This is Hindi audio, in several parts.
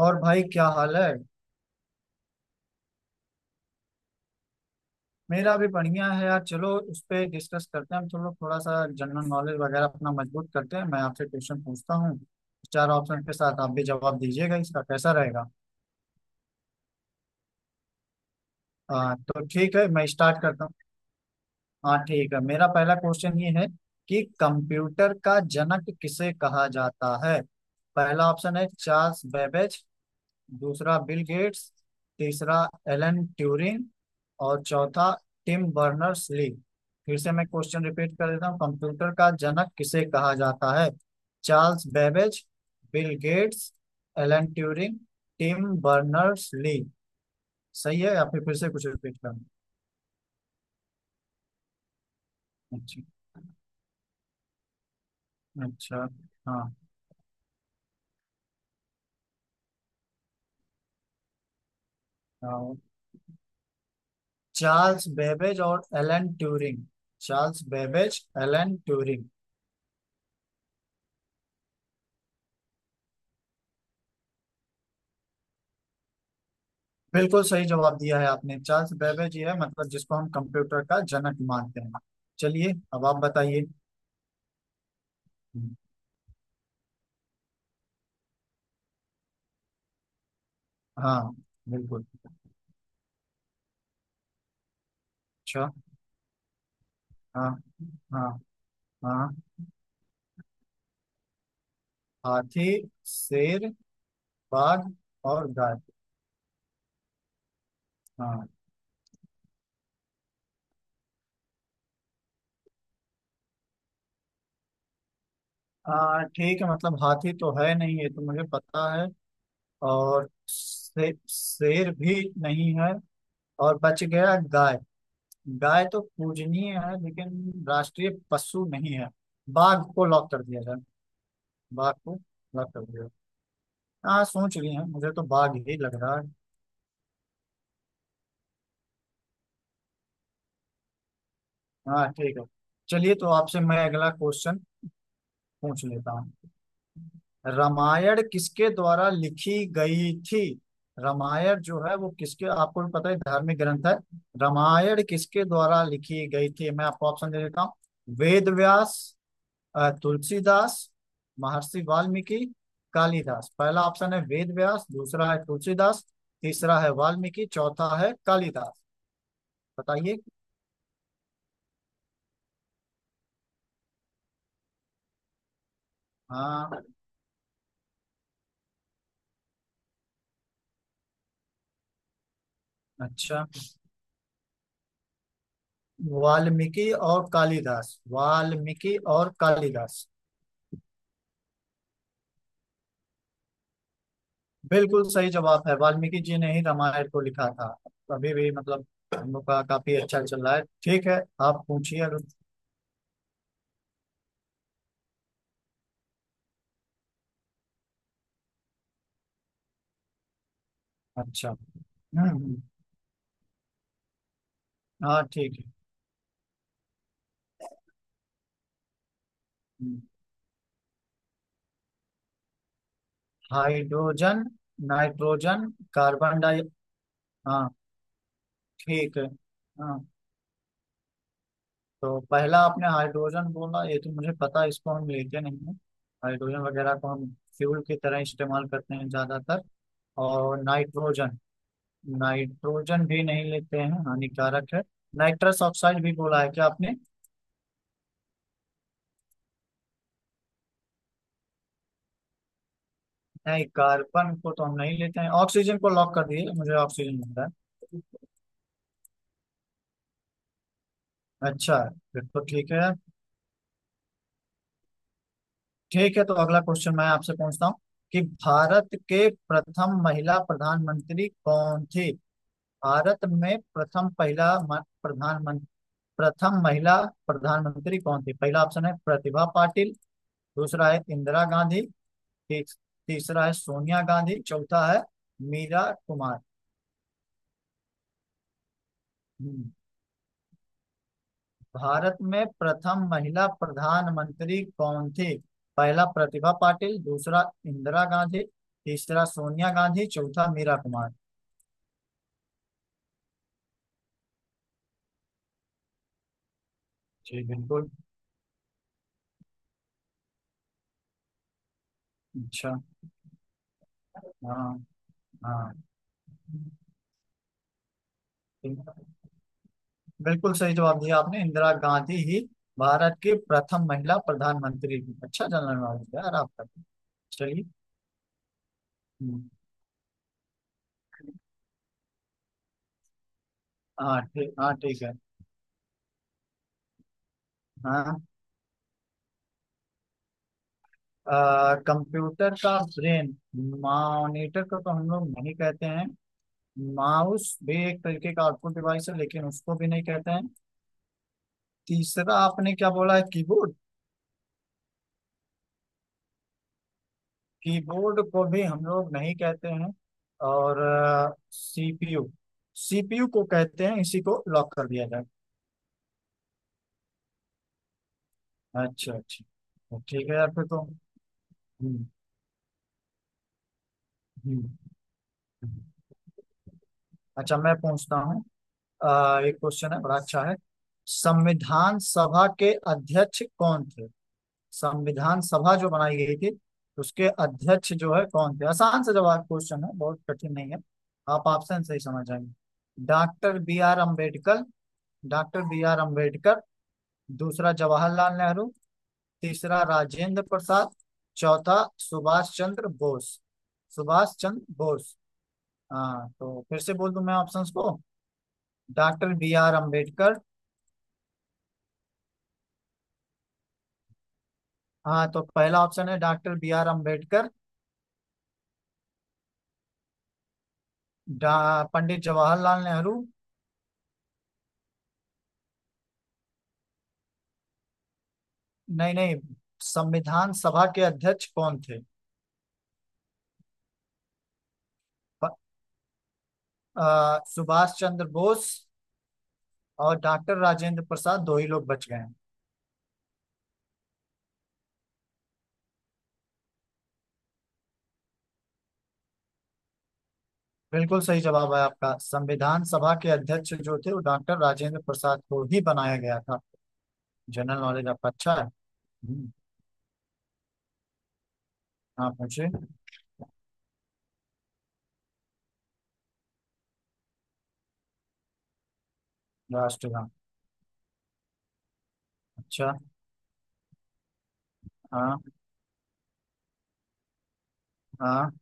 और भाई क्या हाल है। मेरा भी बढ़िया है यार। चलो उस पे डिस्कस करते हैं। हम थोड़ा थोड़ा सा जनरल नॉलेज वगैरह अपना मजबूत करते हैं। मैं आपसे क्वेश्चन पूछता हूँ चार ऑप्शन के साथ। आप भी जवाब दीजिएगा, इसका कैसा रहेगा? हाँ तो ठीक है, मैं स्टार्ट करता हूँ। हाँ ठीक है, मेरा पहला क्वेश्चन ये है कि कंप्यूटर का जनक किसे कहा जाता है? पहला ऑप्शन है चार्ल्स बेबेज। दूसरा बिल गेट्स। तीसरा एलन ट्यूरिंग। और चौथा टिम बर्नर्स ली। फिर से मैं क्वेश्चन रिपीट कर देता हूँ। कंप्यूटर का जनक किसे कहा जाता है? Charles Babbage, Bill Gates, Alan Turing, Tim Berners Lee. सही है या फिर से कुछ रिपीट करना? अच्छा। अच्छा। हाँ, हाँ। चार्ल्स बेबेज और Alan Turing. Charles Babbage, Alan Turing. बिल्कुल सही जवाब दिया है आपने। चार्ल्स बेबेज ये है, मतलब जिसको हम कंप्यूटर का जनक मानते हैं। चलिए अब आप बताइए। हाँ, बिल्कुल। अच्छा। हाँ, हाँ, हाँ। हाथी, शेर, बाघ और गाय। हाँ, हाँ ठीक है। मतलब हाथी तो है नहीं, ये तो मुझे पता है। और शेर भी नहीं है। और बच गया गाय। गाय तो पूजनीय है लेकिन राष्ट्रीय पशु नहीं है। बाघ को लॉक कर दिया जाए। बाघ को, बाघ कर दिया। हाँ, सोच रही हैं, मुझे तो बाघ ही लग रहा है। हाँ ठीक है। चलिए तो आपसे मैं अगला क्वेश्चन पूछ लेता हूँ। रामायण किसके द्वारा लिखी गई थी? रामायण जो है वो किसके, आपको भी पता है धार्मिक ग्रंथ है। रामायण किसके द्वारा लिखी गई थी? मैं आपको ऑप्शन दे देता हूँ। वेद व्यास, तुलसीदास, महर्षि वाल्मीकि, कालिदास। पहला ऑप्शन है वेद व्यास। दूसरा है तुलसीदास। तीसरा है वाल्मीकि। चौथा है कालिदास। बताइए। हाँ। अच्छा। वाल्मीकि और कालिदास। वाल्मीकि और कालिदास। बिल्कुल सही जवाब है। वाल्मीकि जी ने ही रामायण को लिखा था। अभी भी मतलब हम लोग का काफी अच्छा चल रहा है, ठीक है। आप पूछिए अगर। अच्छा। हम्म हम्म, हाँ ठीक है। हम्म, हाइड्रोजन, नाइट्रोजन, कार्बन डाई, हाँ ठीक है। हाँ तो पहला आपने हाइड्रोजन बोला, ये तो मुझे पता है, इसको हम लेते नहीं हैं। हाइड्रोजन वगैरह को हम फ्यूल की तरह इस्तेमाल करते हैं ज्यादातर। और नाइट्रोजन, नाइट्रोजन भी नहीं लेते हैं, हानिकारक है। नाइट्रस ऑक्साइड भी बोला है क्या आपने? नहीं, कार्बन को तो हम नहीं लेते हैं। ऑक्सीजन को लॉक कर दिए, मुझे ऑक्सीजन मिल रहा है। अच्छा, फिर तो ठीक है। ठीक है, तो अगला क्वेश्चन मैं आपसे पूछता हूँ कि भारत के प्रथम महिला प्रधानमंत्री कौन थी। भारत में प्रथम पहला प्रधानमंत्री, प्रथम महिला प्रधानमंत्री कौन थी? पहला ऑप्शन है प्रतिभा पाटिल। दूसरा है इंदिरा गांधी। तीस- तीसरा है सोनिया गांधी। चौथा है मीरा कुमार। हम्म। भारत में प्रथम महिला प्रधानमंत्री कौन थी? पहला प्रतिभा पाटिल, दूसरा इंदिरा गांधी, तीसरा सोनिया गांधी, चौथा मीरा कुमार। जी बिल्कुल। अच्छा। हाँ, हाँ। ठीक। बिल्कुल सही जवाब दिया आपने। इंदिरा गांधी ही भारत की प्रथम महिला प्रधानमंत्री थी। अच्छा जनरल नॉलेज है यार आपका। चलिए। हम्म, हाँ ठीक, हाँ ठीक है। हाँ, कंप्यूटर का ब्रेन। मॉनिटर को तो हम लोग नहीं कहते हैं। माउस भी एक तरीके का आउटपुट डिवाइस है, लेकिन उसको भी नहीं कहते हैं। तीसरा आपने क्या बोला है, कीबोर्ड? कीबोर्ड को भी हम लोग नहीं कहते हैं। और सीपीयू, सीपीयू को कहते हैं, इसी को लॉक कर दिया जाए। अच्छा, अच्छा, तो ठीक है यार फिर तो। हम्म। हम्म। हम्म। अच्छा, मैं पूछता हूँ। एक क्वेश्चन है, बड़ा अच्छा है। संविधान सभा के अध्यक्ष कौन थे? संविधान सभा जो बनाई गई थी उसके अध्यक्ष जो है कौन थे? आसान से जवाब क्वेश्चन है, बहुत कठिन नहीं है। आप ऑप्शन से ही समझ जाएंगे। Doctor B R Ambedkar. Doctor B R Ambedkar. दूसरा जवाहरलाल नेहरू। तीसरा राजेंद्र प्रसाद। चौथा सुभाष चंद्र बोस। सुभाष चंद्र बोस। हाँ तो फिर से बोल दूं मैं ऑप्शंस को। Doctor B R Ambedkar. हाँ तो पहला ऑप्शन है डॉक्टर बी आर अम्बेडकर। डा- पंडित जवाहरलाल नेहरू। नहीं, नहीं, संविधान सभा के अध्यक्ष कौन थे? प- सुभाष चंद्र बोस और डॉक्टर राजेंद्र प्रसाद, दो ही लोग बच गए हैं। बिल्कुल सही जवाब है आपका। संविधान सभा के अध्यक्ष जो थे वो डॉक्टर राजेंद्र प्रसाद को ही बनाया गया था। जनरल नॉलेज आपका अच्छा है। हम्म, हाँ पूछे। राष्ट्रगान। अच्छा। हाँ, हाँ।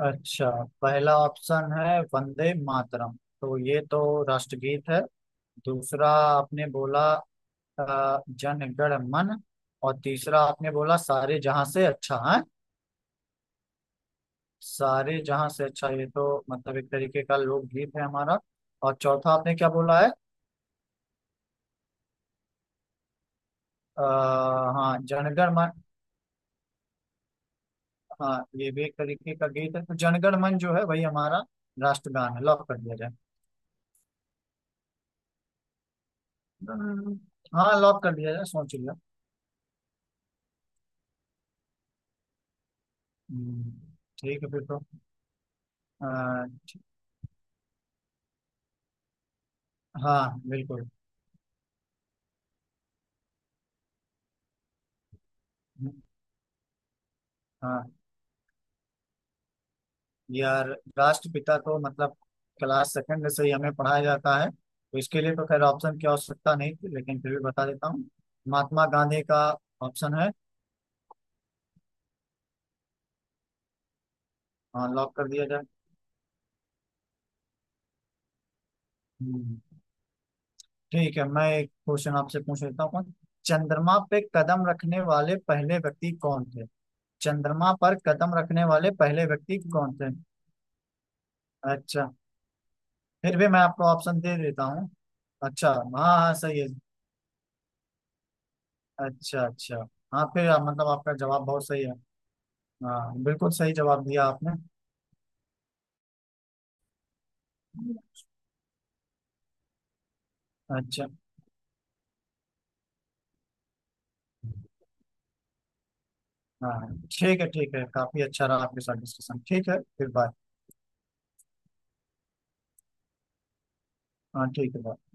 अच्छा। पहला ऑप्शन है वंदे मातरम, तो ये तो राष्ट्रगीत है। दूसरा आपने बोला जन एंटर मन। और तीसरा आपने बोला सारे जहां से अच्छा है। सारे जहां से अच्छा, ये तो मतलब एक तरीके का लोकगीत है हमारा। और चौथा आपने क्या बोला है? आ, हाँ, जनगण मन। हाँ ये भी एक तरीके का गीत है। तो जनगण मन जो है वही हमारा राष्ट्रगान है, लॉक कर दिया जाए। हम्म, हाँ, लॉक कर दिया जाए, सोच लिया। हम्म। ठीक है फिर तो। आ, हाँ बिल्कुल। हम्म, हाँ यार, राष्ट्रपिता तो मतलब क्लास सेकंड से ही हमें पढ़ाया जाता है, तो इसके लिए तो खैर ऑप्शन की आवश्यकता नहीं थी, लेकिन फिर भी बता देता हूँ। महात्मा गांधी का ऑप्शन है। हाँ, लॉक कर दिया जाए। हम्म। ठीक है, मैं एक क्वेश्चन आपसे पूछ लेता हूँ। चंद्रमा पे कदम रखने वाले पहले व्यक्ति कौन थे? चंद्रमा पर कदम रखने वाले पहले व्यक्ति कौन थे? अच्छा, फिर भी मैं आपको ऑप्शन दे देता हूँ। अच्छा, हाँ हाँ सही है। अच्छा, अच्छा। हाँ फिर मतलब आपका जवाब बहुत सही है। हाँ, बिल्कुल सही जवाब दिया आपने। अच्छा। हाँ ठीक है, ठीक है, काफी अच्छा रहा आपके साथ डिस्कशन। ठीक है, फिर बाय। हाँ ठीक है, bye।